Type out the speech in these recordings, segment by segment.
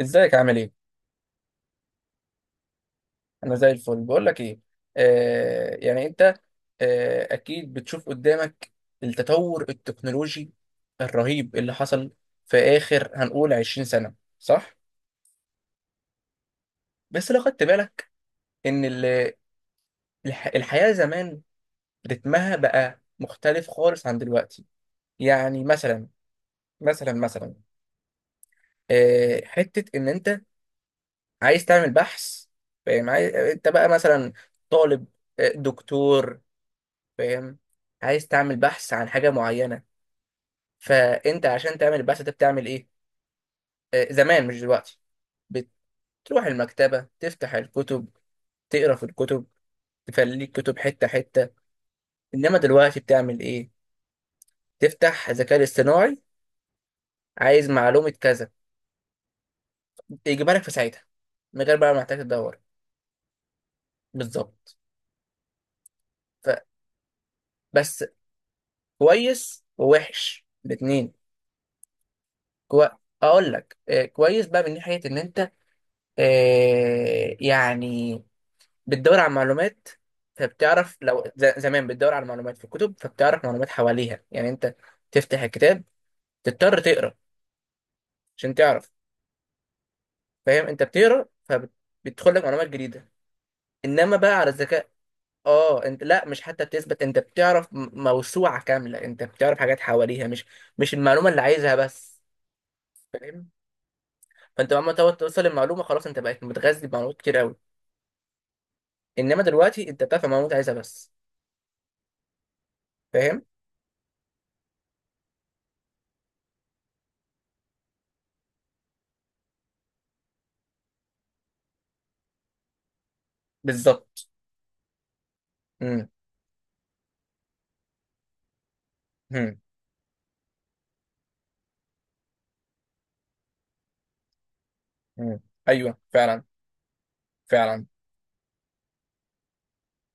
ازيك عامل ايه؟ انا زي الفل، بقول لك ايه. يعني انت، اكيد بتشوف قدامك التطور التكنولوجي الرهيب اللي حصل في اخر هنقول 20 سنة، صح؟ بس لو خدت بالك ان الحياة زمان رتمها بقى مختلف خالص عن دلوقتي. يعني مثلا، حتة ان انت عايز تعمل بحث، فاهم؟ عايز انت بقى مثلا طالب، دكتور، فاهم؟ عايز تعمل بحث عن حاجة معينة. فأنت عشان تعمل البحث ده بتعمل إيه؟ زمان مش دلوقتي، بتروح المكتبة، تفتح الكتب، تقرا في الكتب، تفليك كتب حتة حتة. إنما دلوقتي بتعمل إيه؟ تفتح ذكاء اصطناعي، عايز معلومة كذا، يجيبها لك في ساعتها، من غير بقى ما محتاج تدور. بالظبط. فبس، كويس ووحش الاتنين. كو... أقول لك، كويس بقى من ناحية إن أنت، يعني بتدور على معلومات، فبتعرف. لو زمان بتدور على معلومات في الكتب، فبتعرف معلومات حواليها، يعني انت تفتح الكتاب، تضطر تقرا عشان تعرف، فاهم؟ انت بتقرا، فبتدخل لك معلومات جديدة. انما بقى على الذكاء، اه، انت لا، مش حتى بتثبت، انت بتعرف موسوعة كاملة، انت بتعرف حاجات حواليها، مش المعلومة اللي عايزها بس، فاهم. فانت لما تقعد توصل للمعلومة، خلاص، انت بقيت متغذي بمعلومات كتير قوي. انما دلوقتي انت بتعرف المعلومات اللي عايزها بس. فاهم. بالظبط. امم. امم. امم. ايوه، فعلا. فعلا.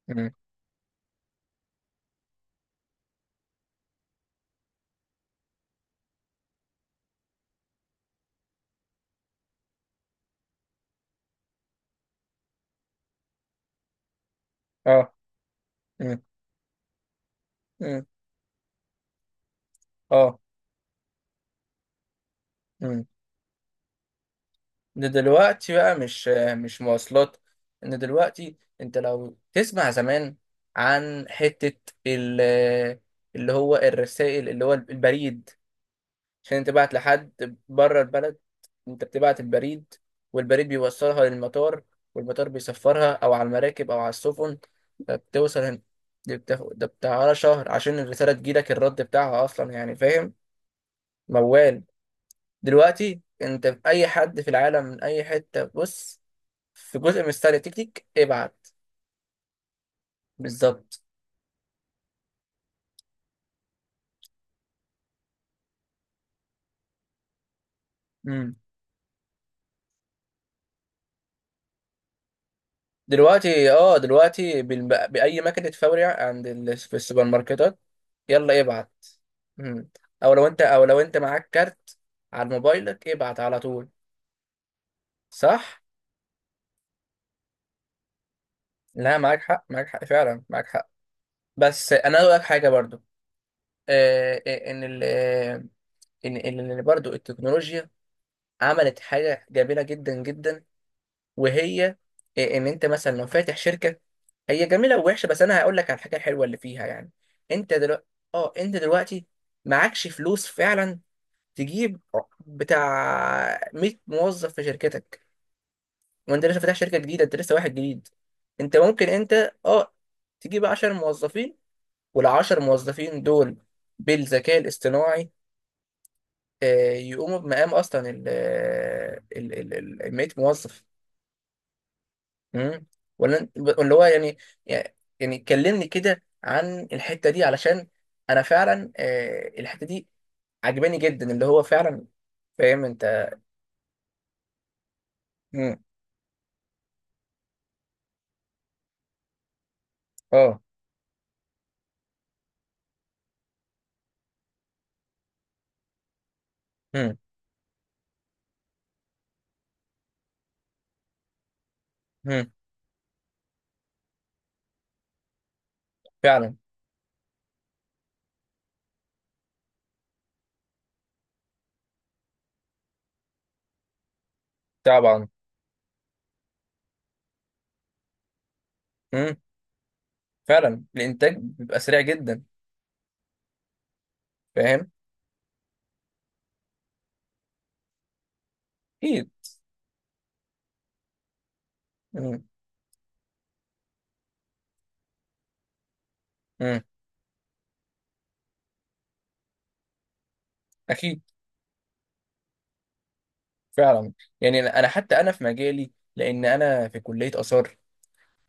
مم. اه. مم. مم. اه. مم. ده دلوقتي بقى مش مواصلات. ان دلوقتي انت لو تسمع زمان عن حتة ال- اللي هو الرسائل، اللي هو البريد، عشان تبعت لحد بره البلد، انت بتبعت البريد، والبريد بيوصلها للمطار، والمطار بيسفرها، او على المراكب، او على السفن، فبتوصل هنا. ده بتاع على شهر عشان الرسالة تجيلك الرد بتاعها اصلا، يعني فاهم. موال. دلوقتي انت في اي حد في العالم من اي حته، بص، في جزء من ستايل التيك تيك ابعت. بالظبط. امم. دلوقتي، دلوقتي، باي مكنه فوري عند في السوبر ماركتات، يلا ابعت. امم. او لو انت معاك كارت، على موبايلك ابعت على طول. صح. لا، معاك حق، معاك حق، فعلا معاك حق. بس انا اقول لك حاجه برضو. آه آه، ان ال آه، ان ان إن برضو التكنولوجيا عملت حاجه جميله جدا جدا، وهي إيه، ان انت مثلا لو فاتح شركه، هي جميله ووحشه، بس انا هقول لك على الحاجه الحلوه اللي فيها، يعني. انت دلوقتي، اه انت دلوقتي معكش فلوس فعلا، تجيب بتاع 100 موظف في شركتك، وانت لسه فاتح شركه جديده، انت لسه واحد جديد. انت ممكن، انت اه تجيب 10 موظفين، وال 10 موظفين دول بالذكاء الاصطناعي، يقوموا بمقام اصلا ال 100 موظف. امم. ولا هو، يعني. يعني كلمني كده عن الحته دي، علشان انا فعلا، الحته دي عجباني جدا، اللي هو فعلا، فاهم انت. امم. اه. امم. امم. فعلا. طبعا. امم. فعلا، الانتاج بيبقى سريع جدا. فاهم. اكيد. امم. امم. اكيد. فعلا. يعني انا حتى انا في مجالي، لان انا في كليه اثار،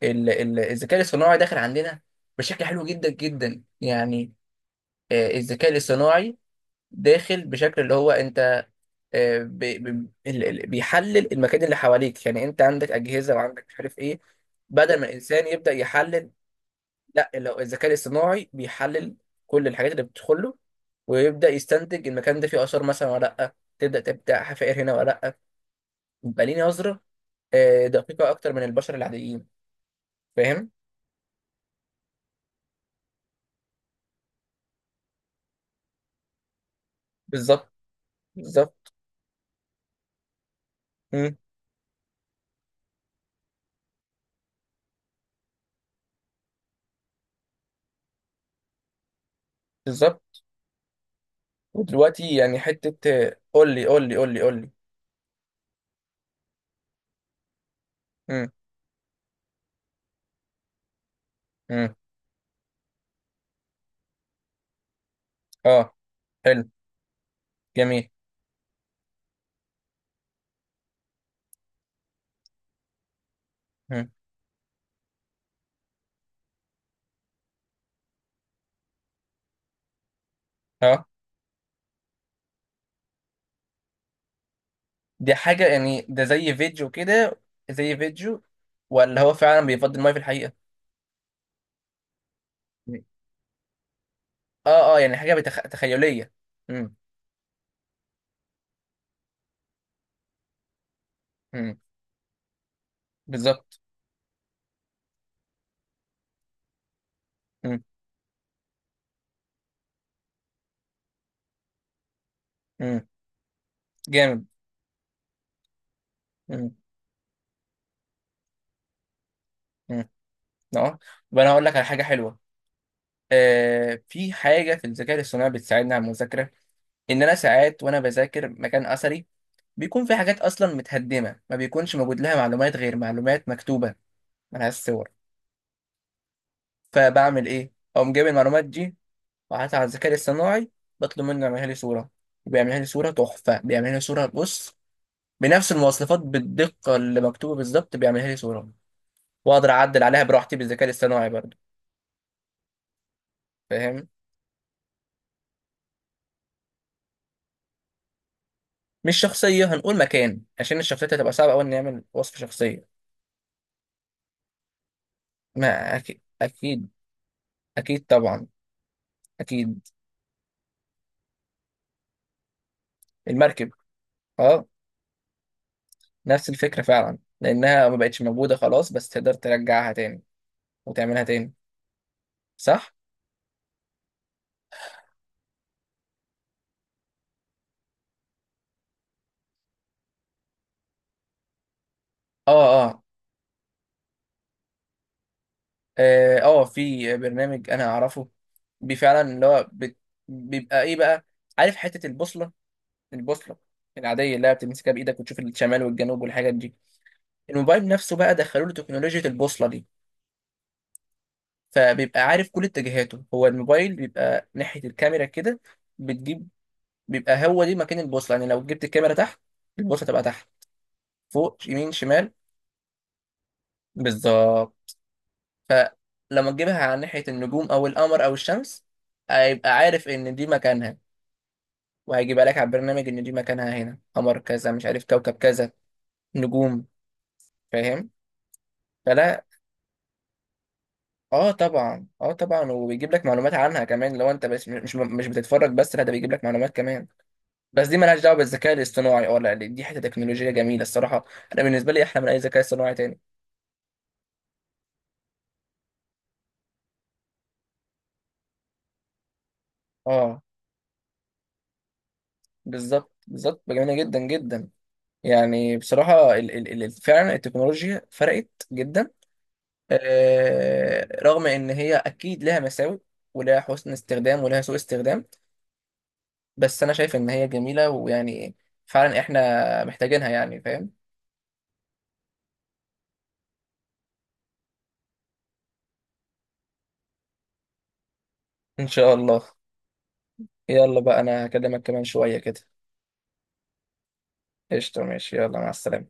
الذكاء الصناعي داخل عندنا بشكل حلو جدا جدا، يعني. الذكاء الاصطناعي داخل بشكل اللي هو انت، آه، بي- بي- بيحلل المكان اللي حواليك، يعني انت عندك اجهزه وعندك مش عارف ايه. بدل ما الانسان يبدا يحلل، لا، لو الذكاء الاصطناعي بيحلل كل الحاجات اللي بتدخل له، ويبدا يستنتج المكان ده فيه اثار مثلا ولا لا، تبدا حفائر هنا ولا لا. يبقى ليه نظره دقيقه اكتر من البشر العاديين، فاهم. بالظبط. بالظبط. مم. بالظبط. ودلوقتي يعني حته، قول لي، قول لي، قول لي، قول لي. مم. مم. اه. حلو. جميل. مم. اه، دي حاجة يعني، ده زي فيديو كده؟ زي فيديو، ولا هو فعلا بيفضي المية في الحقيقة؟ مم. اه. اه، يعني حاجة تخيلية. مم. مم. بالظبط. مم. مم. جامد. مم. مم. اه. طب انا هقول لك على حاجة حلوة. آه، في حاجة في الذكاء الاصطناعي بتساعدني على المذاكرة، ان انا ساعات وانا بذاكر مكان اثري، بيكون في حاجات اصلا متهدمة ما بيكونش موجود لها معلومات غير معلومات مكتوبة، ملهاش صور، فبعمل ايه؟ اقوم جايب المعلومات دي وقعدت على الذكاء الاصطناعي، بطلب منه يعملها لي صورة، بيعملها لي صورة تحفة، بيعملها لي صورة، بص، بنفس المواصفات، بالدقة اللي مكتوبة بالظبط، بيعملها لي صورة، وأقدر أعدل عليها براحتي بالذكاء الاصطناعي برضه، فاهم. مش شخصية، هنقول مكان، عشان الشخصيات هتبقى صعبة أوي إن نعمل وصف شخصية. ما أكيد، أكيد، أكيد طبعا، أكيد. المركب، أه. نفس الفكرة فعلا، لأنها ما بقتش موجودة خلاص، بس تقدر ترجعها تاني وتعملها تاني، صح؟ اه. اه. اه، في برنامج انا اعرفه، فعلا اللي هو بيبقى ايه بقى؟ عارف حته البوصله العاديه اللي هي بتمسكها بايدك وتشوف الشمال والجنوب والحاجات دي. الموبايل نفسه بقى دخلوا له تكنولوجيا البوصله دي، فبيبقى عارف كل اتجاهاته. هو الموبايل بيبقى ناحيه الكاميرا كده، بتجيب، بيبقى هو دي مكان البوصله، يعني لو جبت الكاميرا تحت، البوصله تبقى تحت، فوق، يمين، شمال، بالظبط. فلما تجيبها على ناحيه النجوم او القمر او الشمس، هيبقى عارف ان دي مكانها، وهيجيبها لك على البرنامج، ان دي مكانها هنا قمر كذا، مش عارف كوكب كذا، نجوم، فاهم. فلا، اه طبعا، اه طبعا، وبيجيب لك معلومات عنها كمان، لو انت بس مش بتتفرج بس، لا، ده بيجيب لك معلومات كمان. بس دي مالهاش دعوه بالذكاء الاصطناعي، اه لا، دي حته تكنولوجيه جميله الصراحه. انا بالنسبه لي احلى من اي ذكاء اصطناعي تاني. اه. بالظبط، بالظبط، جميله جدا جدا. يعني بصراحه، ال ال ال فعلا التكنولوجيا فرقت جدا. آه رغم ان هي اكيد لها مساوئ ولها حسن استخدام ولها سوء استخدام، بس انا شايف ان هي جميلة، ويعني فعلا احنا محتاجينها، يعني فاهم. ان شاء الله. يلا بقى، انا هكلمك كمان شوية كده. قشطة، ماشي، يلا، مع السلامة.